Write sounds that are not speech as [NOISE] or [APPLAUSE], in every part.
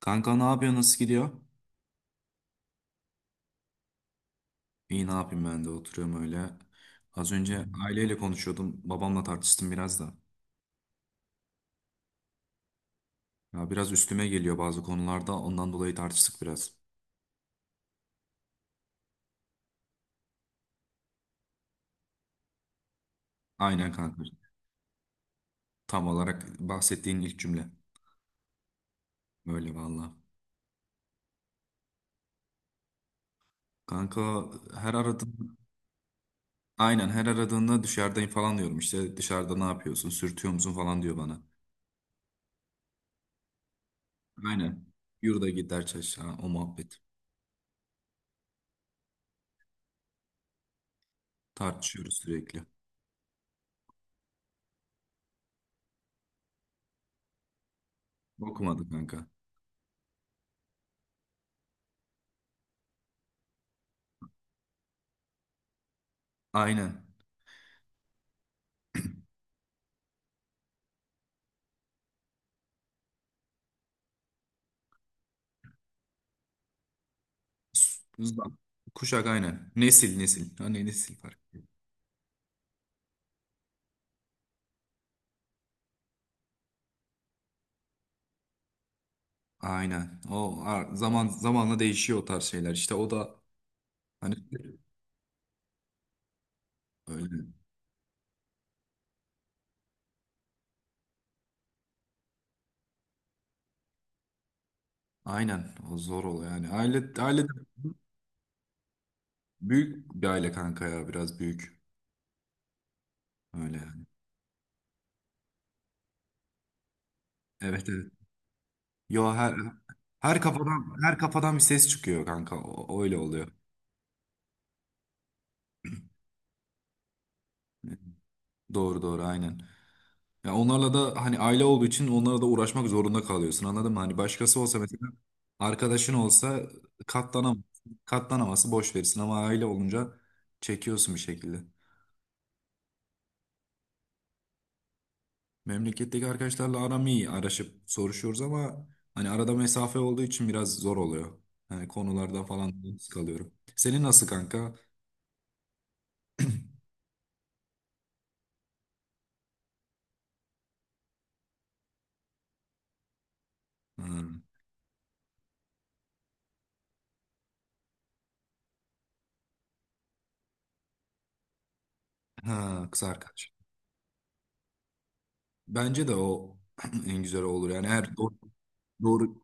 Kanka ne yapıyor? Nasıl gidiyor? İyi ne yapayım ben de oturuyorum öyle. Az önce aileyle konuşuyordum. Babamla tartıştım biraz da. Ya biraz üstüme geliyor bazı konularda. Ondan dolayı tartıştık biraz. Aynen kanka. Tam olarak bahsettiğin ilk cümle. Böyle valla. Kanka, her aradığında aynen her aradığında dışarıdayım falan diyorum. İşte dışarıda ne yapıyorsun? Sürtüyor musun falan diyor bana. Aynen. Yurda gider çarşı, o muhabbet. Tartışıyoruz sürekli. Okumadı kanka. Aynen. Zam- Kuşak aynen. Nesil nesil. Hani nesil fark. Aynen. O zamanla değişiyor o tarz şeyler. İşte o da hani öyle. Aynen. O zor oluyor yani. Aile de büyük bir aile kanka, ya biraz büyük. Öyle yani. Evet, evet. Yo, her kafadan bir ses çıkıyor kanka. O, öyle oluyor. Doğru, doğru, aynen. Ya onlarla da hani aile olduğu için onlara da uğraşmak zorunda kalıyorsun, anladın mı? Hani başkası olsa, mesela arkadaşın olsa katlanamaz. Katlanaması boş verirsin ama aile olunca çekiyorsun bir şekilde. Memleketteki arkadaşlarla aram iyi. Araşıp soruşuyoruz ama hani arada mesafe olduğu için biraz zor oluyor. Hani konularda falan yalnız kalıyorum. Senin nasıl kanka? Hmm. Ha, kız arkadaş. Bence de o [CLEARS THROAT] en güzel olur. Yani doğru,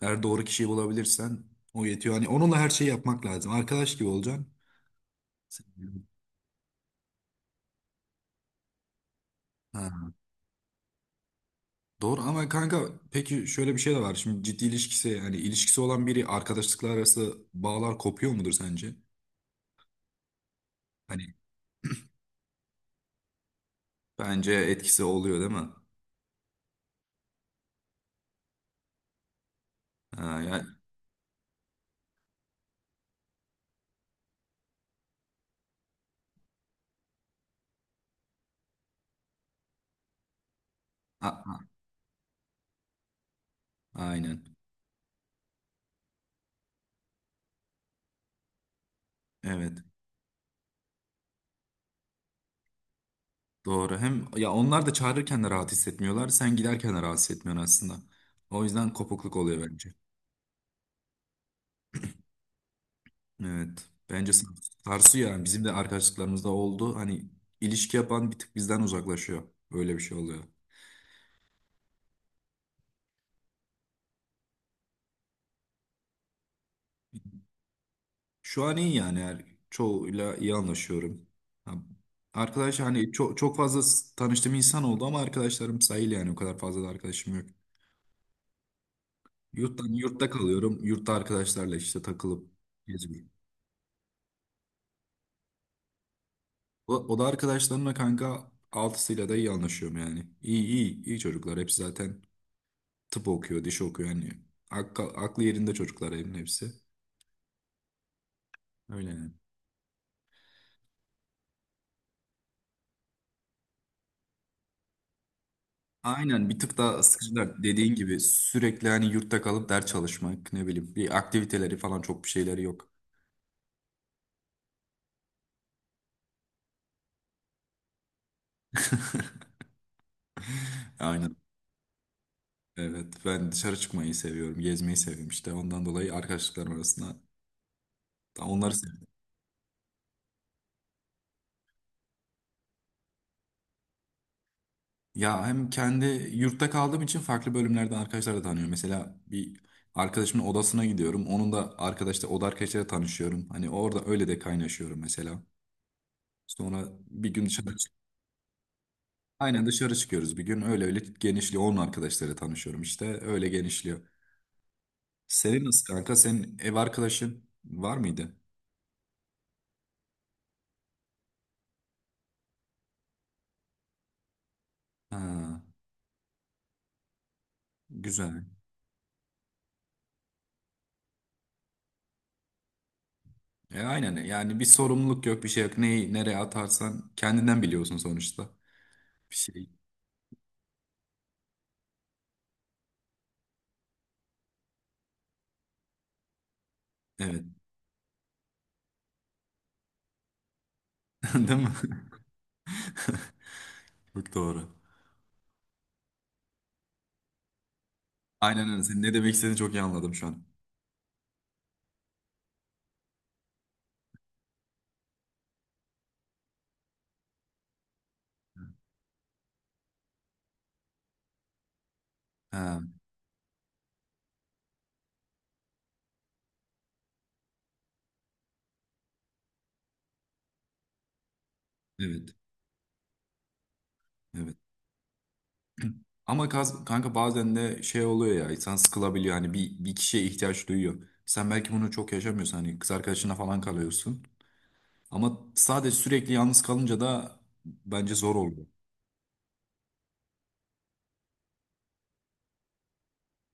Eğer doğru kişiyi bulabilirsen o yetiyor. Hani onunla her şeyi yapmak lazım. Arkadaş gibi olacaksın. Ha, doğru ama kanka peki şöyle bir şey de var. Şimdi ciddi ilişkisi hani ilişkisi olan biri arkadaşlıklar arası bağlar kopuyor mudur sence? Hani bence etkisi oluyor değil mi? Ha, ya, a- a- aynen. Evet. Doğru. Hem ya onlar da çağırırken de rahat hissetmiyorlar. Sen giderken de rahat hissetmiyorsun aslında. O yüzden kopukluk oluyor bence. Evet. Bence sarsıyor yani. Bizim de arkadaşlıklarımızda oldu. Hani ilişki yapan bir tık bizden uzaklaşıyor. Öyle bir şey oluyor. Şu an iyi yani. Her çoğuyla iyi anlaşıyorum. Ha, arkadaş hani çok çok fazla tanıştığım insan oldu ama arkadaşlarım sayılı yani. O kadar fazla da arkadaşım yok. Yurtta kalıyorum. Yurtta arkadaşlarla işte takılıp geziyorum. O da arkadaşlarımla kanka altısıyla da iyi anlaşıyorum yani. İyi iyi iyi çocuklar. Hepsi zaten tıp okuyor, diş okuyor yani. Aklı yerinde çocuklar evin hepsi. Öyle yani. Aynen bir tık daha sıkıcılar dediğin gibi sürekli hani yurtta kalıp ders çalışmak, ne bileyim, bir aktiviteleri falan çok bir şeyleri yok. [LAUGHS] Aynen evet, ben dışarı çıkmayı seviyorum, gezmeyi seviyorum işte ondan dolayı arkadaşlıklarım arasında onları seviyorum. Ya hem kendi yurtta kaldığım için farklı bölümlerden arkadaşlar da tanıyorum. Mesela bir arkadaşımın odasına gidiyorum, onun da arkadaşlar oda arkadaşlarıyla tanışıyorum, hani orada öyle de kaynaşıyorum mesela. Sonra bir gün aynen dışarı çıkıyoruz bir gün. Öyle öyle genişliyor. Onun arkadaşlarıyla tanışıyorum işte. Öyle genişliyor. Senin nasıl kanka? Senin ev arkadaşın var mıydı? Ha, güzel. Aynen yani, bir sorumluluk yok bir şey yok. Neyi nereye atarsan kendinden biliyorsun sonuçta. Bir şey. Evet. [LAUGHS] Değil mi? [LAUGHS] Çok doğru. Aynen öyle. Senin ne demek istediğini çok iyi anladım şu an. Ha, evet. Evet. Ama kanka bazen de şey oluyor ya, insan sıkılabiliyor hani bir kişiye ihtiyaç duyuyor. Sen belki bunu çok yaşamıyorsun, hani kız arkadaşına falan kalıyorsun. Ama sadece sürekli yalnız kalınca da bence zor oluyor.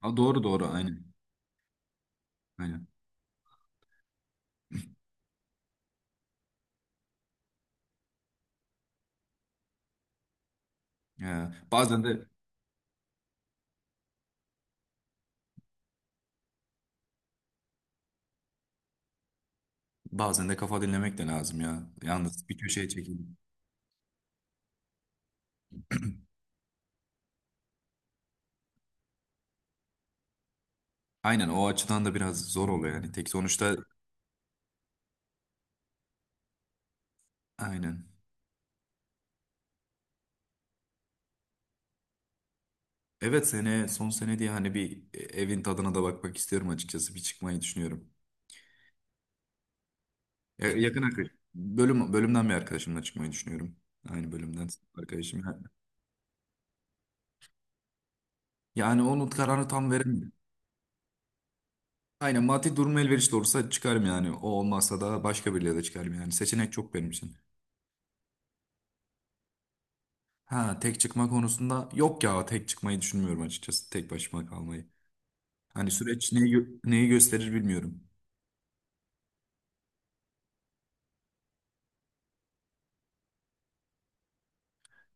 Ha, doğru doğru aynen. Aynen. Ya, bazen de kafa dinlemek de lazım ya. Yalnız bir köşeye çekildim. Aynen, o açıdan da biraz zor oluyor yani. Tek sonuçta aynen. Evet, sene son sene diye hani bir evin tadına da bakmak istiyorum açıkçası. Bir çıkmayı düşünüyorum. Yakın arkadaş. Bölümden bir arkadaşımla çıkmayı düşünüyorum. Aynı bölümden arkadaşım. Yani onun kararını tam veremiyorum. Aynen, maddi durum elverişli olursa çıkarım yani. O olmazsa da başka biriyle de çıkarım yani. Seçenek çok benim için. Ha, tek çıkma konusunda yok ya, tek çıkmayı düşünmüyorum açıkçası. Tek başıma kalmayı. Hani süreç neyi gösterir bilmiyorum.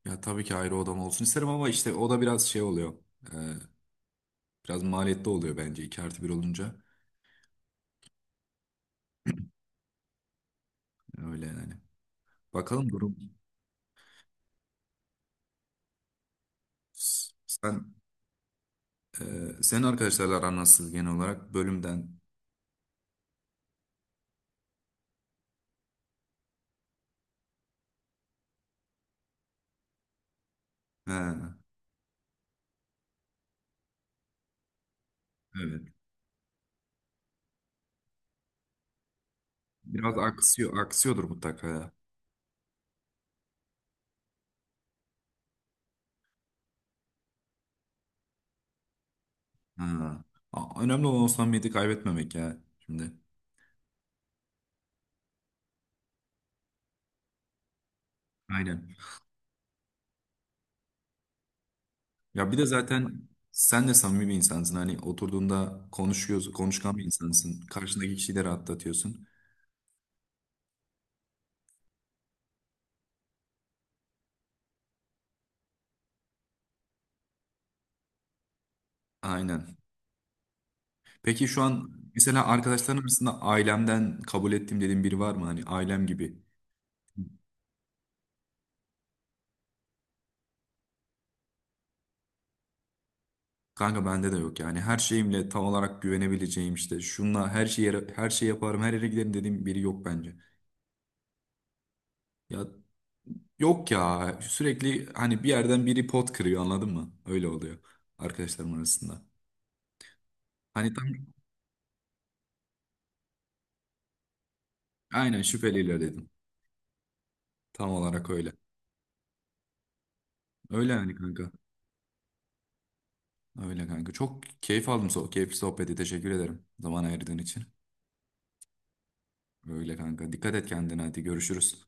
Ya tabii ki ayrı odam olsun isterim ama işte o da biraz şey oluyor. Ee, biraz maliyetli oluyor bence 2+1 olunca. Öyle yani. Bakalım durum. S- Sen senin arkadaşlarla aran nasıl genel olarak bölümden? Ha, evet. Biraz aksıyor, aksıyordur mutlaka ya. Ha. Önemli olan o samimiyeti kaybetmemek ya şimdi. Aynen. Ya bir de zaten sen de samimi bir insansın. Hani oturduğunda konuşuyorsun, konuşkan bir insansın. Karşındaki kişiyi de rahatlatıyorsun. Aynen. Peki şu an mesela arkadaşların arasında ailemden kabul ettim dediğin biri var mı? Hani ailem gibi. Kanka bende de yok yani. Her şeyimle tam olarak güvenebileceğim işte. Şunla her şey yaparım, her yere giderim dediğim biri yok bence. Ya yok ya. Sürekli hani bir yerden biri pot kırıyor, anladın mı? Öyle oluyor arkadaşlarım arasında. Hani tam aynen şüpheli ilerledim. Tam olarak öyle. Öyle yani kanka. Öyle kanka. Çok keyif aldım so keyifli sohbeti. Teşekkür ederim zaman ayırdığın için. Öyle kanka. Dikkat et kendine, hadi görüşürüz.